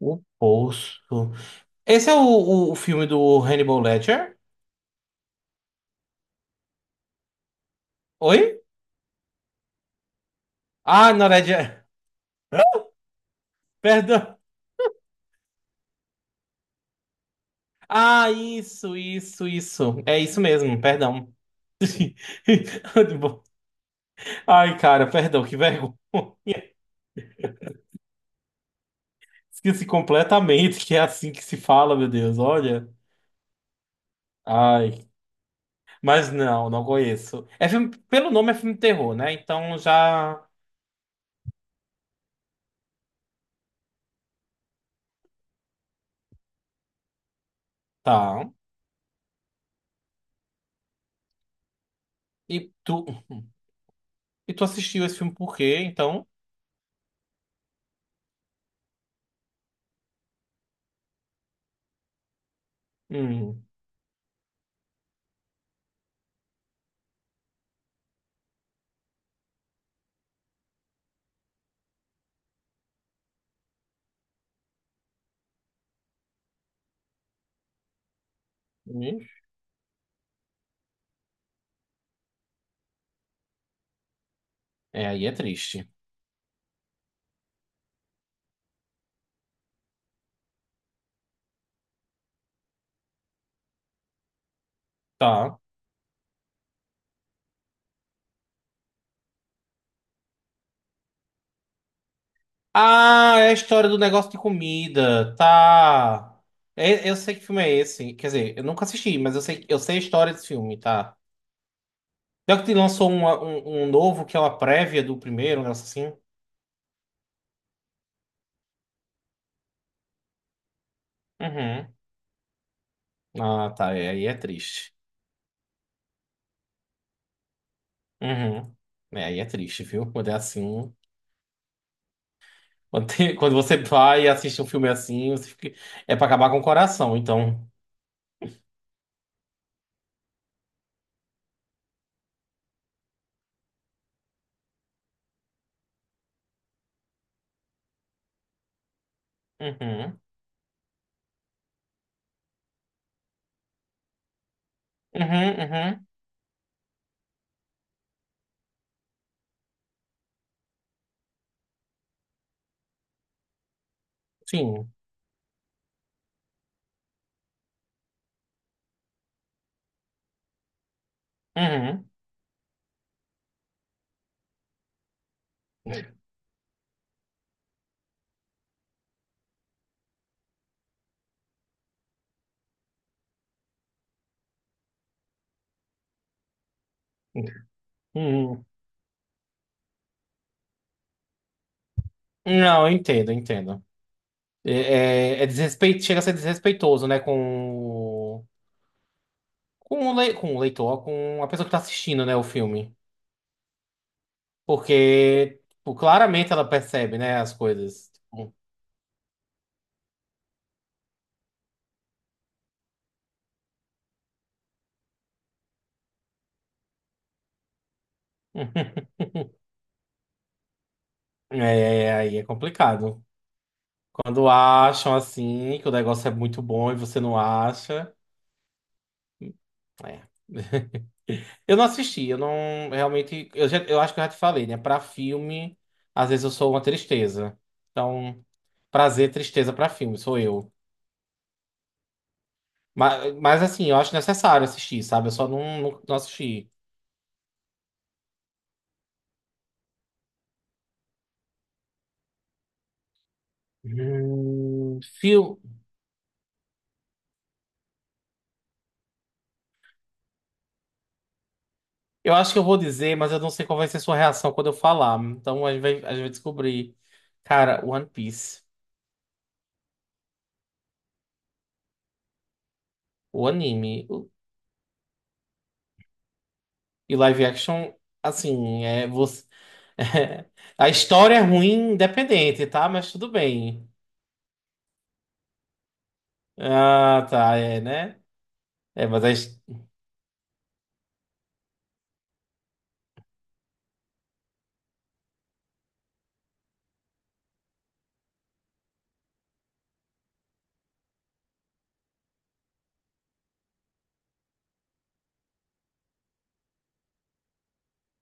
O Poço. Esse é o filme do Hannibal Ledger? Oi? Ah, não, Ledger. Perdão. Ah, isso, isso, isso. É isso mesmo, perdão. Hannibal. Ai, cara, perdão, que vergonha. Esqueci completamente que é assim que se fala, meu Deus, olha. Ai, mas não, não conheço. É filme, pelo nome é filme de terror, né? Então já tá. E tu, e tu assistiu esse filme por quê, então? Hum. Hum. É, aí é triste. Tá. Ah, é a história do negócio de comida. Tá. Eu sei que filme é esse. Quer dizer, eu nunca assisti, mas eu sei a história desse filme, tá? Pior que te lançou um novo que é uma prévia do primeiro, um negócio assim. Uhum. Ah, tá. É, aí é triste. Uhum. É, aí é triste, viu? Quando é assim. Quando você vai e assiste um filme assim, é pra acabar com o coração, então. Uhum. Uhum, uhum. Sim. Uhum. Uhum. Não, eu entendo, eu entendo. É desrespeito, chega a ser desrespeitoso, né, com o leitor, com a pessoa que tá assistindo, né, o filme. Porque, tipo, claramente ela percebe, né, as coisas. Tipo, É, aí é complicado. Quando acham, assim, que o negócio é muito bom e você não acha. É. Eu não assisti, eu não, realmente, eu acho que eu já te falei, né, pra filme, às vezes eu sou uma tristeza. Então, prazer, tristeza pra filme, sou eu. Mas assim, eu acho necessário assistir, sabe? Eu só não assisti. Hum, fio- Eu acho que eu vou dizer, mas eu não sei qual vai ser sua reação quando eu falar. Então a gente vai descobrir. Cara, One Piece, o anime o- e live action, assim, é você. A história é ruim, independente, tá? Mas tudo bem. Ah, tá, é, né? É,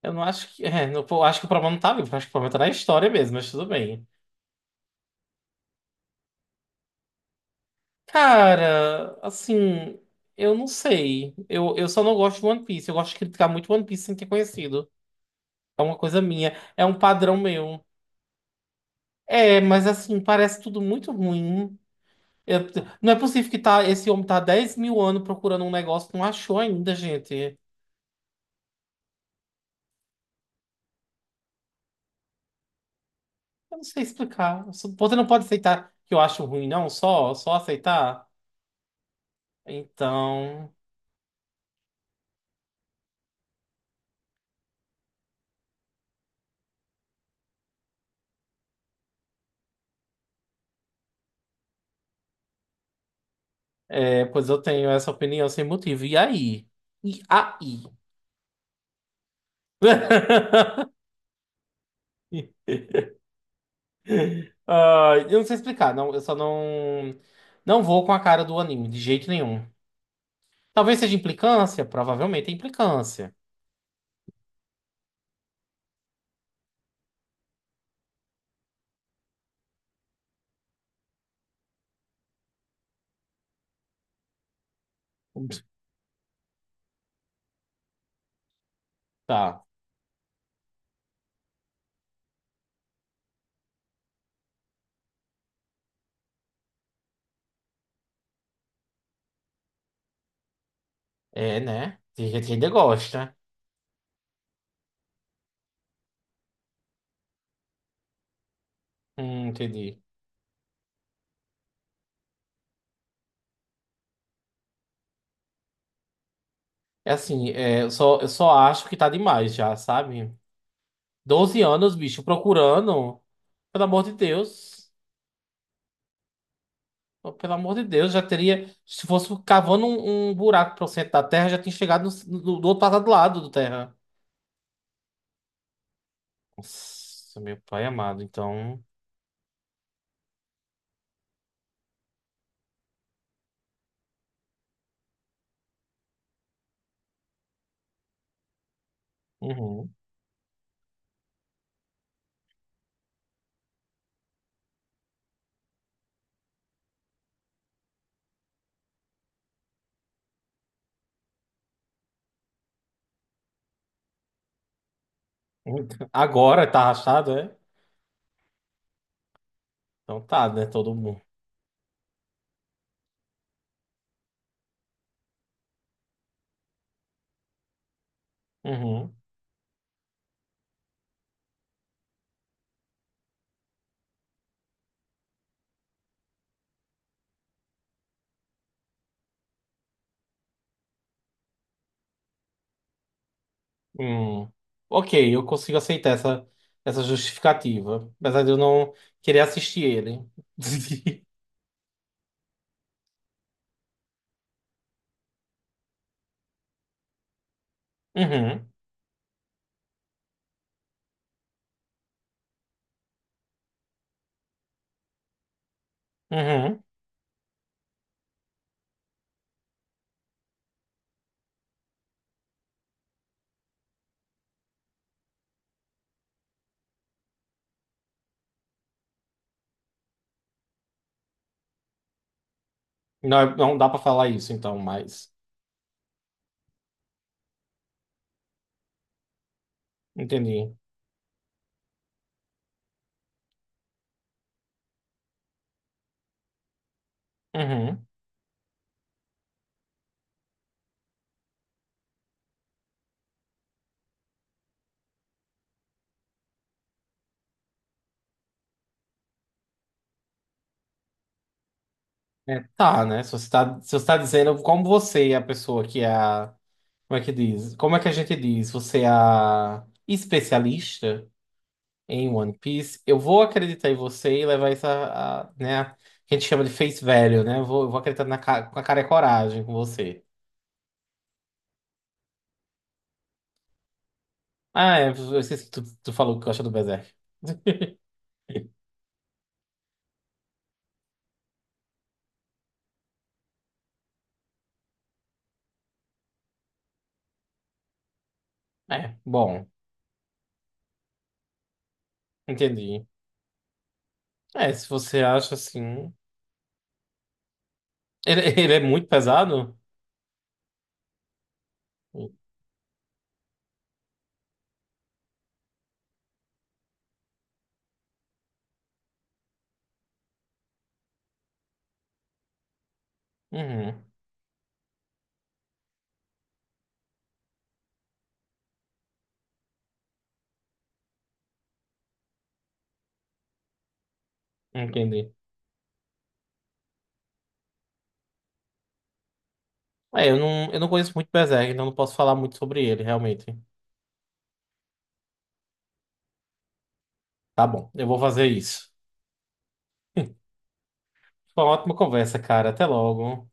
eu não acho que. É, eu acho que o problema não tá vivo, acho que o problema tá na história mesmo, mas tudo bem. Cara, assim, eu não sei. Eu só não gosto de One Piece. Eu gosto de criticar muito One Piece sem ter conhecido. É uma coisa minha, é um padrão meu. É, mas assim, parece tudo muito ruim. Eu- não é possível que tá, esse homem tá há 10 mil anos procurando um negócio que não achou ainda, gente. Eu não sei explicar. Você não pode aceitar que eu acho ruim, não? Só aceitar? Então, é, pois eu tenho essa opinião sem motivo. E aí? E aí? Ah, eu não sei explicar, não, eu só não vou com a cara do anime, de jeito nenhum. Talvez seja implicância, provavelmente é implicância. Tá, é, né? Tem gente que ainda gosta. Entendi. É assim, é, eu só acho que tá demais já, sabe? 12 anos, bicho, procurando. Pelo amor de Deus. Pelo amor de Deus, já teria. Se fosse cavando um buraco pro centro da Terra, já tinha chegado do outro lado do Terra. Nossa, meu pai amado, então. Uhum. Então, agora tá rachado, é? Então tá, né? Todo mundo. Uhum. Hum. Ok, eu consigo aceitar essa justificativa. Apesar de eu não querer assistir ele. Uhum. Uhum. Não, não dá pra falar isso, então, mas. Entendi. Uhum. É, tá, né? Se você tá dizendo como você é a pessoa que é a. Como é que diz? Como é que a gente diz? Você é a especialista? Em One Piece, eu vou acreditar em você e levar isso a, né, que a gente chama de face value, né? Eu vou acreditar com a cara e coragem com você. Ah, é, eu esqueci que tu falou que gosta do Berserk. É, bom, entendi. É, se você acha assim. Ele, ele é muito pesado? Uhum, entendi. É, eu não conheço muito Berserk, então não posso falar muito sobre ele, realmente. Tá bom, eu vou fazer isso. Foi uma ótima conversa, cara. Até logo.